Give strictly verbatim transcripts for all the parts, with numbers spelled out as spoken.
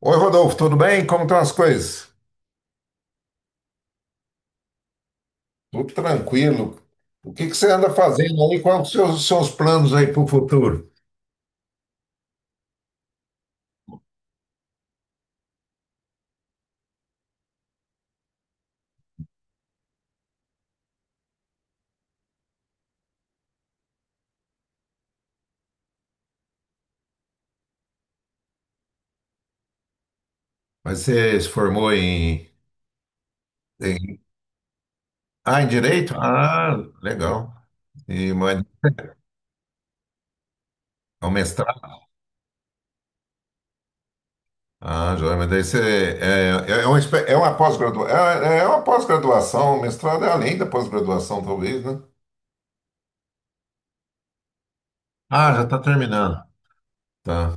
Oi, Rodolfo, tudo bem? Como estão as coisas? Tudo tranquilo. O que que você anda fazendo aí? Quais os seus, os seus planos aí para o futuro? Mas você se formou em, em- Ah, em Direito? Ah, legal. E, mas, é um mestrado? Ah, joia, mas daí você... É, é é uma, espé- é uma pós-gradua- é, é é uma pós-graduação, o mestrado é além da pós-graduação, talvez, né? Ah, já está terminando. Tá.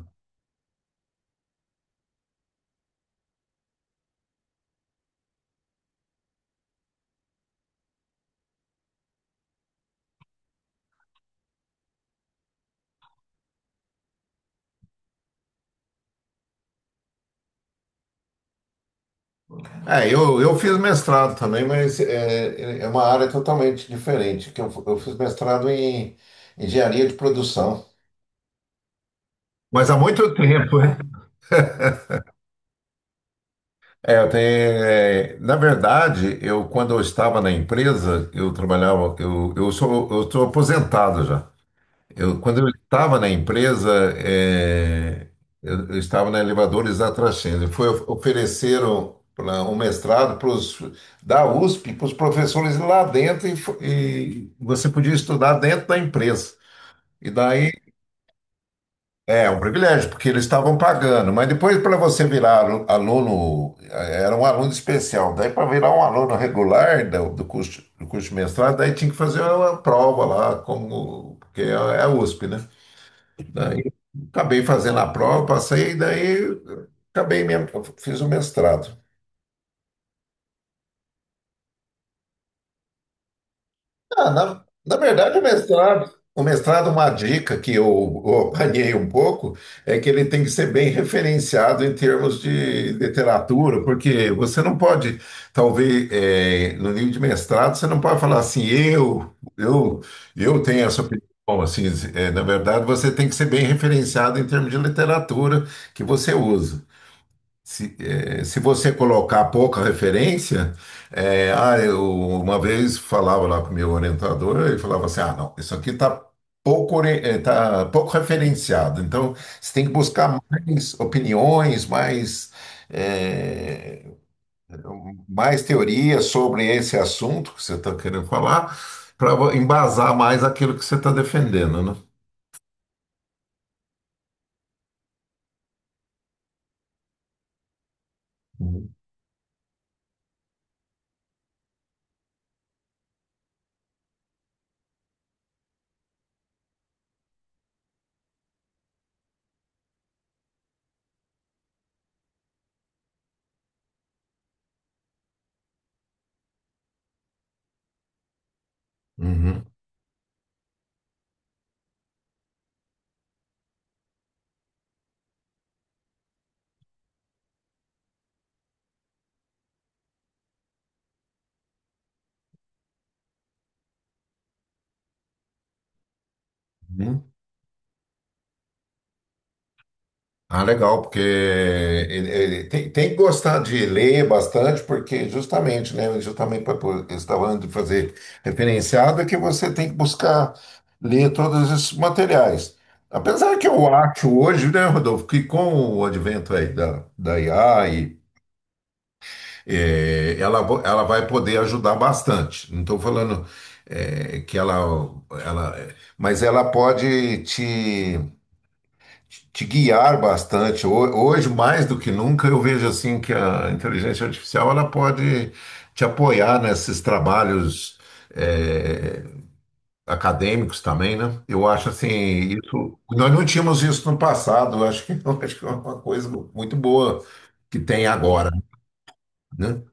É, eu, eu fiz mestrado também, mas é, é uma área totalmente diferente, que eu, eu fiz mestrado em engenharia de produção. Mas há muito tempo, né? É, eu tenho, é, na verdade, eu quando eu estava na empresa, eu trabalhava, eu, eu sou, eu estou aposentado já. Eu, quando eu estava na empresa, eh, eu, eu estava na Elevadores da Trascenda. Foi of- ofereceram pra- um mestrado pros, da U S P para os professores lá dentro e, fo- e você podia estudar dentro da empresa. E daí é um privilégio, porque eles estavam pagando. Mas depois, para você virar alu- aluno, eh, era um aluno especial. Daí, para virar um aluno regular do, do curso, do curso de mestrado, daí tinha que fazer uma prova lá, como, porque é é a U S P, né? Acabei fazendo a prova, passei, daí acabei mesmo, fiz o mestrado. Ah, na, na verdade, o mestrado, o mestrado, uma dica que eu, eu apanhei um pouco, é que ele tem que ser bem referenciado em termos de literatura, porque você não pode, talvez, eh, no nível de mestrado, você não pode falar assim, eu, eu, eu tenho essa opinião. Assim, eh, na verdade, você tem que ser bem referenciado em termos de literatura que você usa. Se, eh, se você colocar pouca referência, eh, ah, eu uma vez falava lá com o meu orientador, ele falava assim, ah, não, isso aqui está pouco, ori- eh, tá pouco referenciado, então você tem que buscar mais opiniões, mais, eh, mais teorias sobre esse assunto que você está querendo falar, para embasar mais aquilo que você está defendendo, né? Uhum. Uhum. Ah, legal, porque ele- ele tem, tem que gostar de ler bastante, porque justamente, né? Justamente para eu estava falando de fazer referenciado, é que você tem que buscar ler todos esses materiais. Apesar que eu acho hoje, né, Rodolfo, que com o advento aí da, da I A, e, eh, ela, vo- ela vai poder ajudar bastante. Não estou falando eh, que ela, ela. Mas ela pode te te te guiar bastante. Ho- Hoje, mais do que nunca, eu vejo assim que a inteligência artificial ela pode te apoiar nesses trabalhos eh, acadêmicos também, né? Eu acho assim, isso nós não tínhamos isso no passado. Eu acho que, eu acho que é uma coisa muito boa que tem agora, né?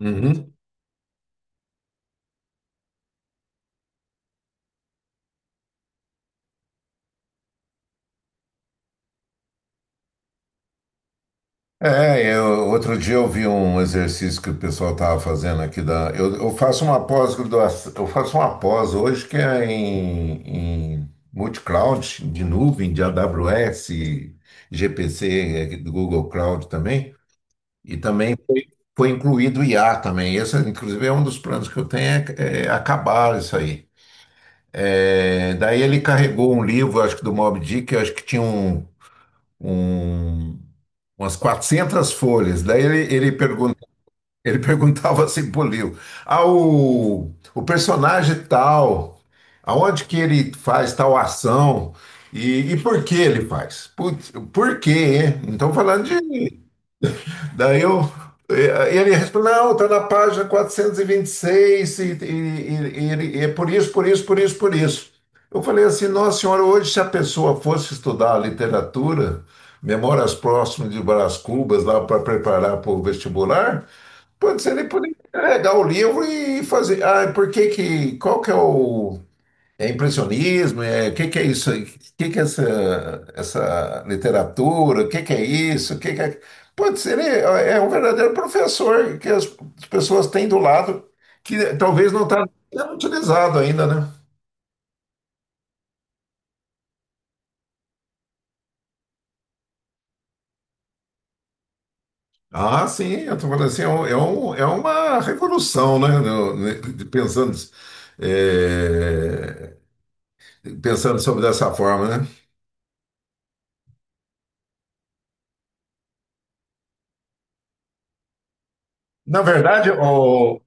Uhum. É, eu, outro dia eu vi um exercício que o pessoal estava fazendo aqui da. Eu, eu faço uma pós-graduação, eu faço uma pós hoje que é em, em multi-cloud, de nuvem, de A W S, G P C, eh, do Google Cloud também. E também foi incluído o I A também. Esse, inclusive, é um dos planos que eu tenho é, é acabar isso aí. É, daí ele carregou um livro, acho que do Moby Dick, eu acho que tinha um, um- umas quatrocentas folhas. Daí ele, ele perguntou ele perguntava assim pro Leo, ah, o, o personagem tal, aonde que ele faz tal ação e, e por que ele faz? Putz, por quê? Hein? Não estão falando de... mim." Daí eu, eh, ele respondeu: não, tá na página quatrocentos e, vinte e, seis e- e ele- e ele- é por isso, por isso, por isso, por isso. Eu falei assim, nossa senhora, hoje se a pessoa fosse estudar literatura, Memórias Próximas de Brás Cubas, lá para preparar para o vestibular... Pode ser, ele poderia é, dar o livro e fazer. Ah, por que que. Qual que é o. É impressionismo? É, o que que é isso? Aí? O que que é essa, essa literatura? O que que é isso? O que que é... Pode ser, ele é é um verdadeiro professor que as pessoas têm do lado, que talvez não está sendo utilizado ainda, né? Ah, sim, eu estou falando assim, é, um, é um- é uma revolução, né? no- ne- de- Pensando, é, pensando sobre dessa forma, né? Na verdade, o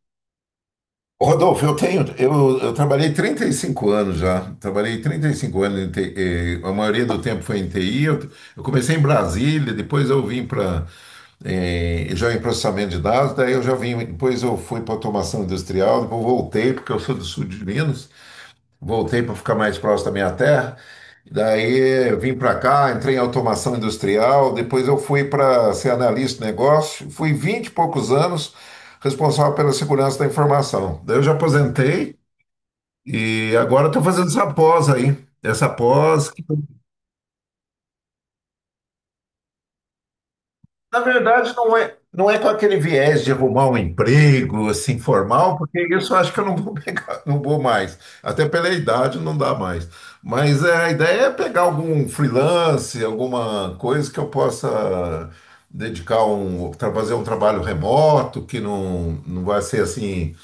Rodolfo, eu tenho, eu, eu trabalhei trinta e cinco anos já. Trabalhei trinta e cinco anos em T I, eh, a maioria do tempo foi em T I. Eu, eu comecei em Brasília, depois eu vim para já em processamento de dados, daí eu já vim, depois eu fui para automação industrial, depois voltei porque eu sou do sul de Minas. Voltei para ficar mais próximo da minha terra. Daí vim para cá, entrei em automação industrial, depois eu fui para ser analista de negócio, fui vinte e poucos anos responsável pela segurança da informação. Daí eu já aposentei e agora estou fazendo essa pós aí. Essa pós que na verdade, não é, não é com aquele viés de arrumar um emprego, assim, formal, porque isso eu acho que eu não vou pegar, não vou mais. Até pela idade não dá mais. Mas é, a ideia é pegar algum freelance, alguma coisa que eu possa dedicar um, tra- fazer um trabalho remoto, que não, não vai ser assim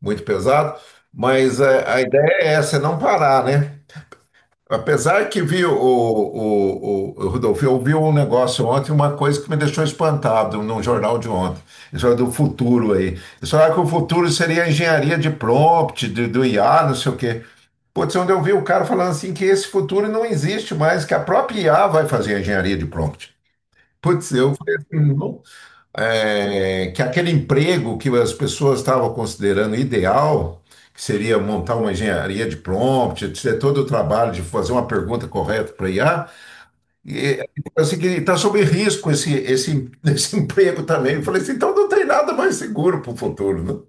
muito pesado. Mas é, a ideia é essa, é não parar, né? Apesar que vi o, o, o, o Rodolfo, eu vi um negócio ontem, uma coisa que me deixou espantado num jornal de ontem. Isso é do futuro aí. Eles falaram que o futuro seria a engenharia de prompt, de- do I A, não sei o quê. Putz, onde eu vi o cara falando assim que esse futuro não existe mais, que a própria I A vai fazer a engenharia de prompt. Putz, eu falei assim, é, que aquele emprego que as pessoas estavam considerando ideal, que seria montar uma engenharia de prompt, ter todo o trabalho de fazer uma pergunta correta para I A, e, assim, que está sob risco esse, esse, esse emprego também. Eu falei assim, então não tem nada mais seguro para o futuro, né?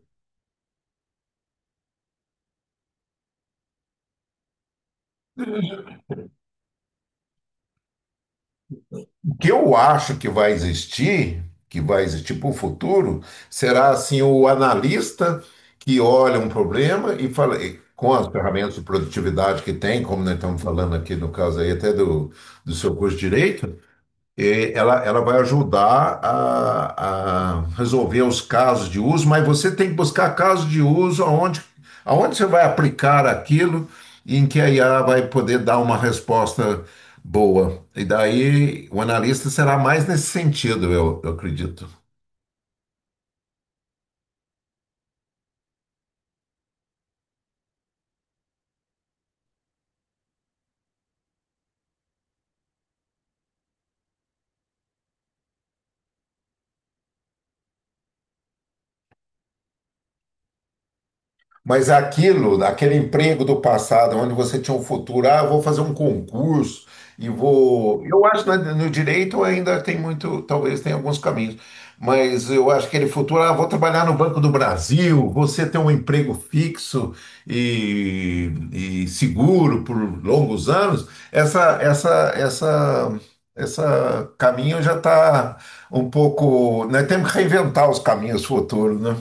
O que eu acho que vai existir, que vai existir para o futuro, será assim o analista que olha um problema e fala, e com as ferramentas de produtividade que tem, como nós estamos falando aqui no caso aí até do, do seu curso de direito, e Ela, ela vai ajudar a, a resolver os casos de uso, mas você tem que buscar casos de uso aonde, aonde você vai aplicar aquilo e em que a I A vai poder dar uma resposta boa. E daí o analista será mais nesse sentido, eu, eu acredito. Mas aquilo, aquele emprego do passado, onde você tinha um futuro, ah, eu vou fazer um concurso e vou. Eu acho que no direito ainda tem muito, talvez tenha alguns caminhos, mas eu acho que aquele futuro, ah, vou trabalhar no Banco do Brasil, você ter um emprego fixo e, e seguro por longos anos, essa, essa, essa, essa caminho já está um pouco. Nós temos que reinventar os caminhos futuros, né?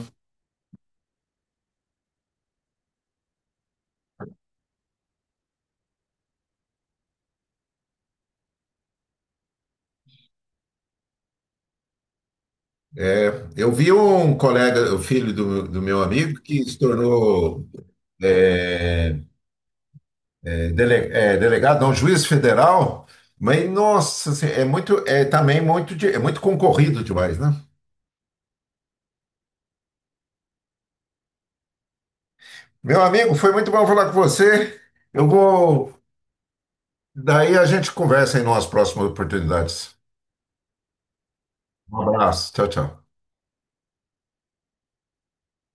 Eu vi um colega, o filho do, do meu amigo, que se tornou é, é, dele- é, delegado, não, juiz federal, mas nossa, assim, é muito, é também muito, de- é muito concorrido demais, né? Meu amigo, foi muito bom falar com você. Eu vou, daí a gente conversa em umas próximas oportunidades. Um abraço, tchau, tchau.